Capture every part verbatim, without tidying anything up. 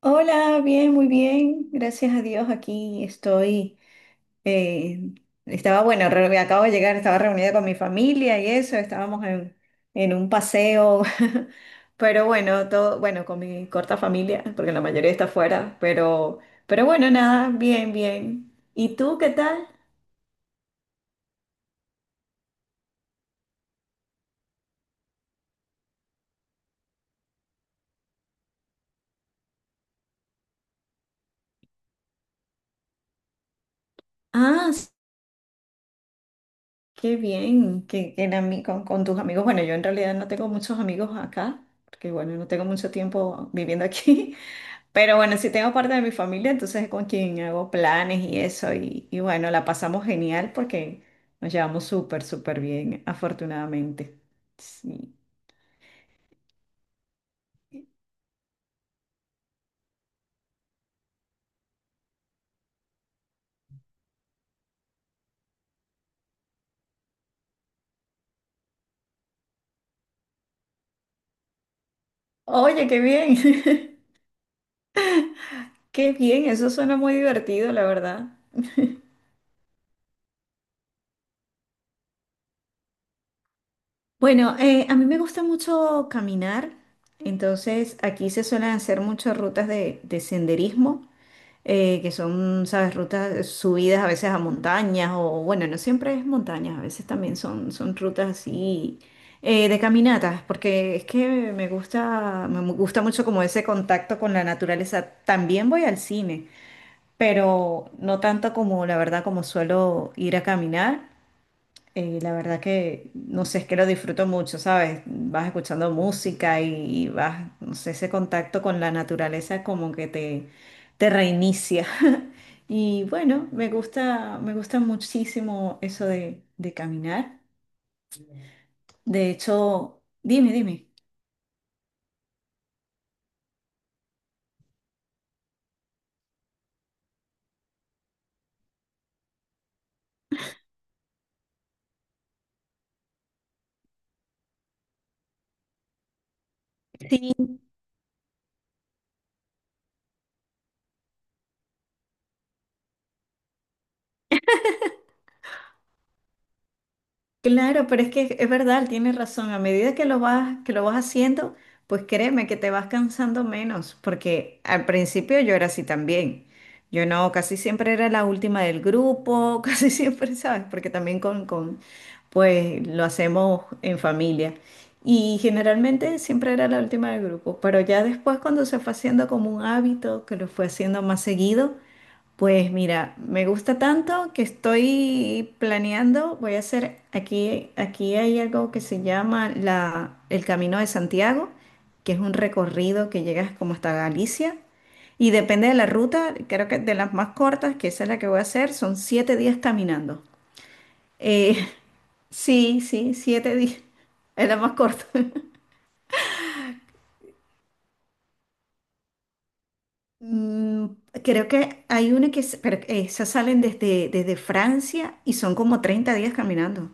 Hola, bien, muy bien. Gracias a Dios, aquí estoy. eh, estaba, bueno, re- Acabo de llegar, estaba reunida con mi familia y eso, estábamos en, en un paseo. Pero bueno, todo, bueno, con mi corta familia, porque la mayoría está fuera, pero, pero bueno, nada, bien, bien. ¿Y tú qué tal? Ah, s- Qué bien, que, que en ami- con, con tus amigos. Bueno, yo en realidad no tengo muchos amigos acá, porque bueno, no tengo mucho tiempo viviendo aquí. Pero bueno, sí tengo parte de mi familia, entonces es con quien hago planes y eso. Y, y bueno, la pasamos genial porque nos llevamos súper, súper bien, afortunadamente. Sí. Oye, qué bien. Qué bien, eso suena muy divertido, la verdad. Bueno, eh, a mí me gusta mucho caminar, entonces aquí se suelen hacer muchas rutas de, de senderismo. Eh, que son, sabes, rutas, subidas a veces a montañas o bueno, no siempre es montañas, a veces también son, son rutas así eh, de caminatas, porque es que me gusta, me mu- gusta mucho como ese contacto con la naturaleza. También voy al cine, pero no tanto como la verdad como suelo ir a caminar. Eh, la verdad que, no sé, es que lo disfruto mucho, ¿sabes? Vas escuchando música y, y vas, no sé, ese contacto con la naturaleza como que te, te reinicia. Y bueno, me gusta, me gusta muchísimo eso de, de caminar. De hecho, dime, dime. Claro, pero es que es verdad, tienes razón. A medida que lo vas, que lo vas haciendo, pues créeme que te vas cansando menos, porque al principio yo era así también. Yo no, casi siempre era la última del grupo, casi siempre, ¿sabes? Porque también con, con, pues lo hacemos en familia. Y generalmente siempre era la última del grupo, pero ya después cuando se fue haciendo como un hábito, que lo fue haciendo más seguido, pues mira, me gusta tanto que estoy planeando, voy a hacer aquí, aquí hay algo que se llama la, el Camino de Santiago, que es un recorrido que llegas como hasta Galicia y depende de la ruta, creo que de las más cortas, que esa es la que voy a hacer, son siete días caminando. Eh, sí, sí, siete días, es la más corta. Mm, Creo que hay una que, es- pero esas salen desde, desde Francia y son como treinta días caminando.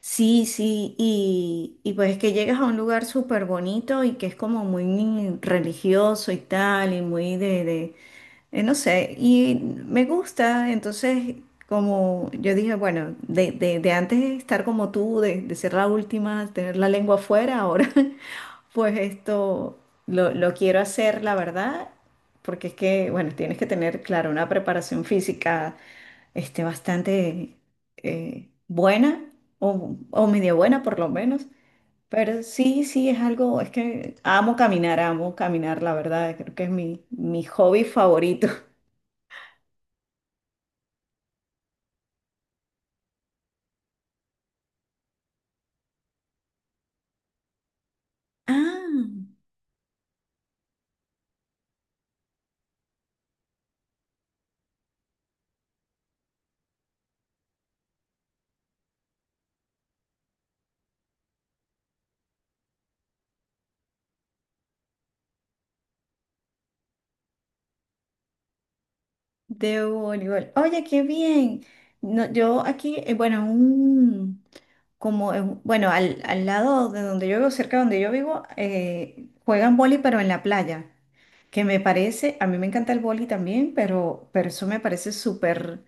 Sí, sí, y, y pues que llegas a un lugar súper bonito y que es como muy religioso y tal, y muy de, de, eh, no sé, y me gusta, entonces como yo dije, bueno, de, de, de antes de estar como tú, de, de ser la última, tener la lengua afuera, ahora pues esto lo, lo quiero hacer, la verdad, porque es que, bueno, tienes que tener, claro, una preparación física este, bastante eh, buena o, o medio buena por lo menos. Pero sí, sí, es algo, es que amo caminar, amo caminar, la verdad, creo que es mi, mi hobby favorito. Ah, de voleibol. Oye, qué bien. No, yo aquí, eh, bueno, un, como, en- bueno, al, al lado de donde yo vivo, cerca de donde yo vivo, eh, juegan vóley, pero en la playa. Que me parece, a mí me encanta el vóley también, pero, pero eso me parece súper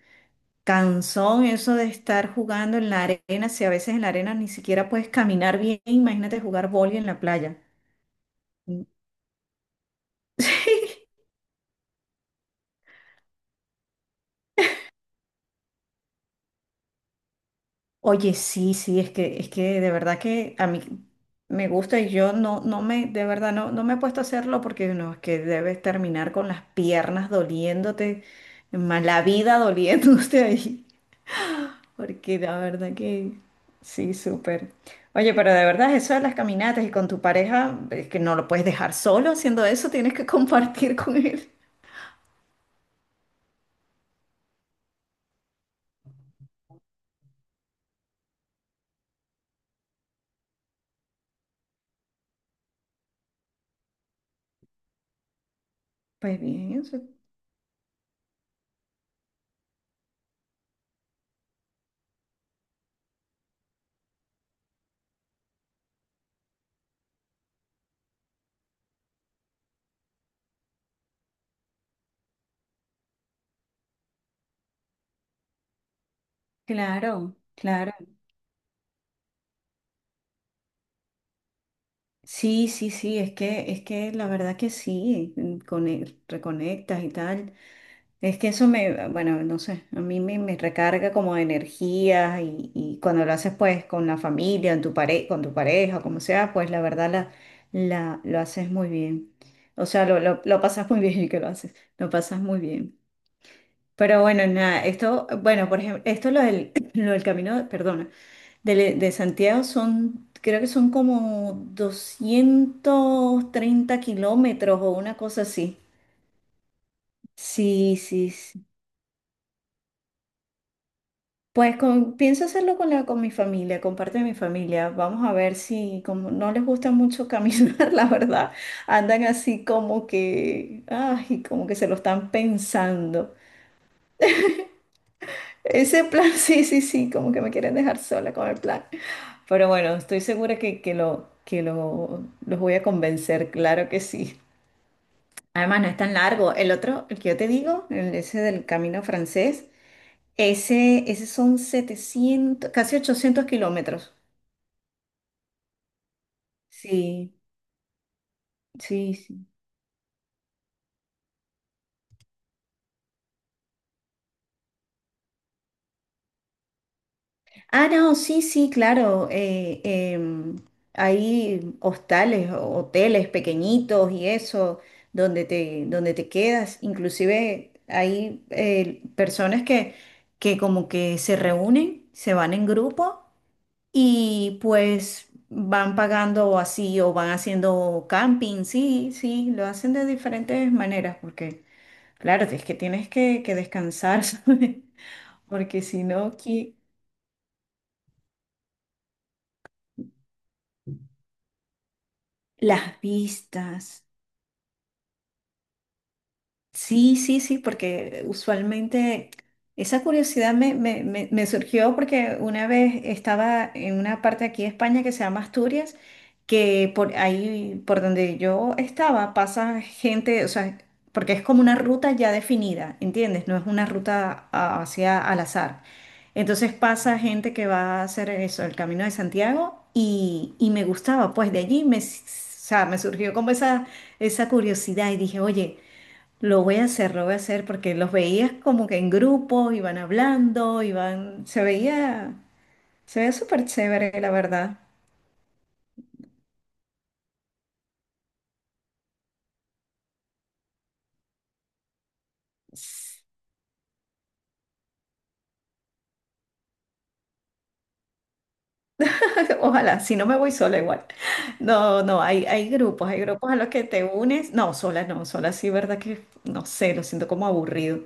cansón, eso de estar jugando en la arena, si a veces en la arena ni siquiera puedes caminar bien, imagínate jugar vóley en la playa. Mm. Oye, sí, sí, es que, es que de verdad que a mí me gusta y yo no, no me, de verdad, no, no me he puesto a hacerlo porque no, es que debes terminar con las piernas doliéndote, más la vida doliéndote ahí, porque la verdad que sí, súper. Oye, pero de verdad eso de las caminatas y con tu pareja, es que no lo puedes dejar solo haciendo eso, tienes que compartir con él. Pues bien, eso- claro, claro. Sí, sí, sí, es que, es que la verdad que sí, mm, cone- reconectas y tal. Es que eso me, ah, bueno, no sé, a mí me, me recarga como de energía y, y cuando lo haces pues con la familia, en tu pare- con tu pareja, como sea, pues la verdad la, la, lo haces muy bien. O sea, lo, lo, lo pasas muy bien y que lo haces, lo pasas muy bien. Pero bueno, nada, esto, bueno, por ejemplo, esto lo del, lo del camino, perdona. De, de Santiago son, creo que son como doscientos treinta kilómetros o una cosa así. Sí, sí, sí. Pues con- pienso hacerlo con la, con mi familia, con parte de mi familia. Vamos a ver si, como no les gusta mucho caminar, la verdad, andan así como que, ay, como que se lo están pensando. Ese plan, sí, sí, sí, como que me quieren dejar sola con el plan. Pero bueno, estoy segura que, que lo, que lo, los voy a convencer, claro que sí. Además, no es tan largo. El otro, el que yo te digo, el ese del Camino Francés, ese, ese son setecientos casi ochocientos kilómetros. Sí, sí, sí. Ah, no, sí, sí, claro. Eh, em, hay hostales, o- hoteles pequeñitos y eso, donde te, donde te quedas. Inclusive hay eh, personas que, que como que se reúnen, se van en grupo y pues van pagando así o van haciendo camping, sí, sí, lo hacen de diferentes maneras porque, claro, es que tienes que, que descansar, ¿sabes? Porque si no, ¿qué? Las vistas. Sí, sí, sí, porque usualmente esa curiosidad me, me- me- me surgió porque una vez estaba en una parte aquí de España que se llama Asturias, que por ahí, por donde yo estaba, pasa gente, o sea, porque es como una ruta ya definida, ¿entiendes? No es una ruta a- Hacia al azar. Entonces pasa gente que va a hacer eso, el Camino de Santiago, y, y me gustaba, pues de allí me, s- o sea, me surgió como esa, esa curiosidad y dije, oye, lo voy a hacer, lo voy a hacer porque los veías como que en grupo, iban hablando, iban, se veía, se veía súper chévere, la verdad. Ojalá, si no me voy sola igual. No, no, hay, hay grupos, hay grupos a los que te unes. No, sola no, sola sí, verdad que no sé, lo siento como aburrido.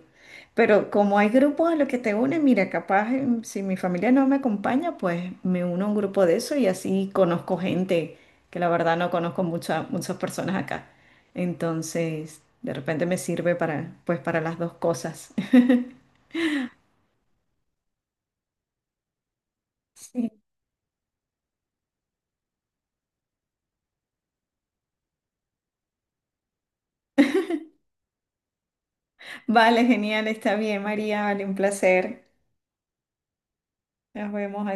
Pero como hay grupos a los que te unes, mira, capaz em, si mi familia no me acompaña, pues me uno a un grupo de eso y así conozco gente que la verdad no conozco muchas muchas personas acá. Entonces, de repente me sirve para, pues, para las dos cosas. Sí. Vale, genial, está bien, María, vale, un placer. Nos vemos.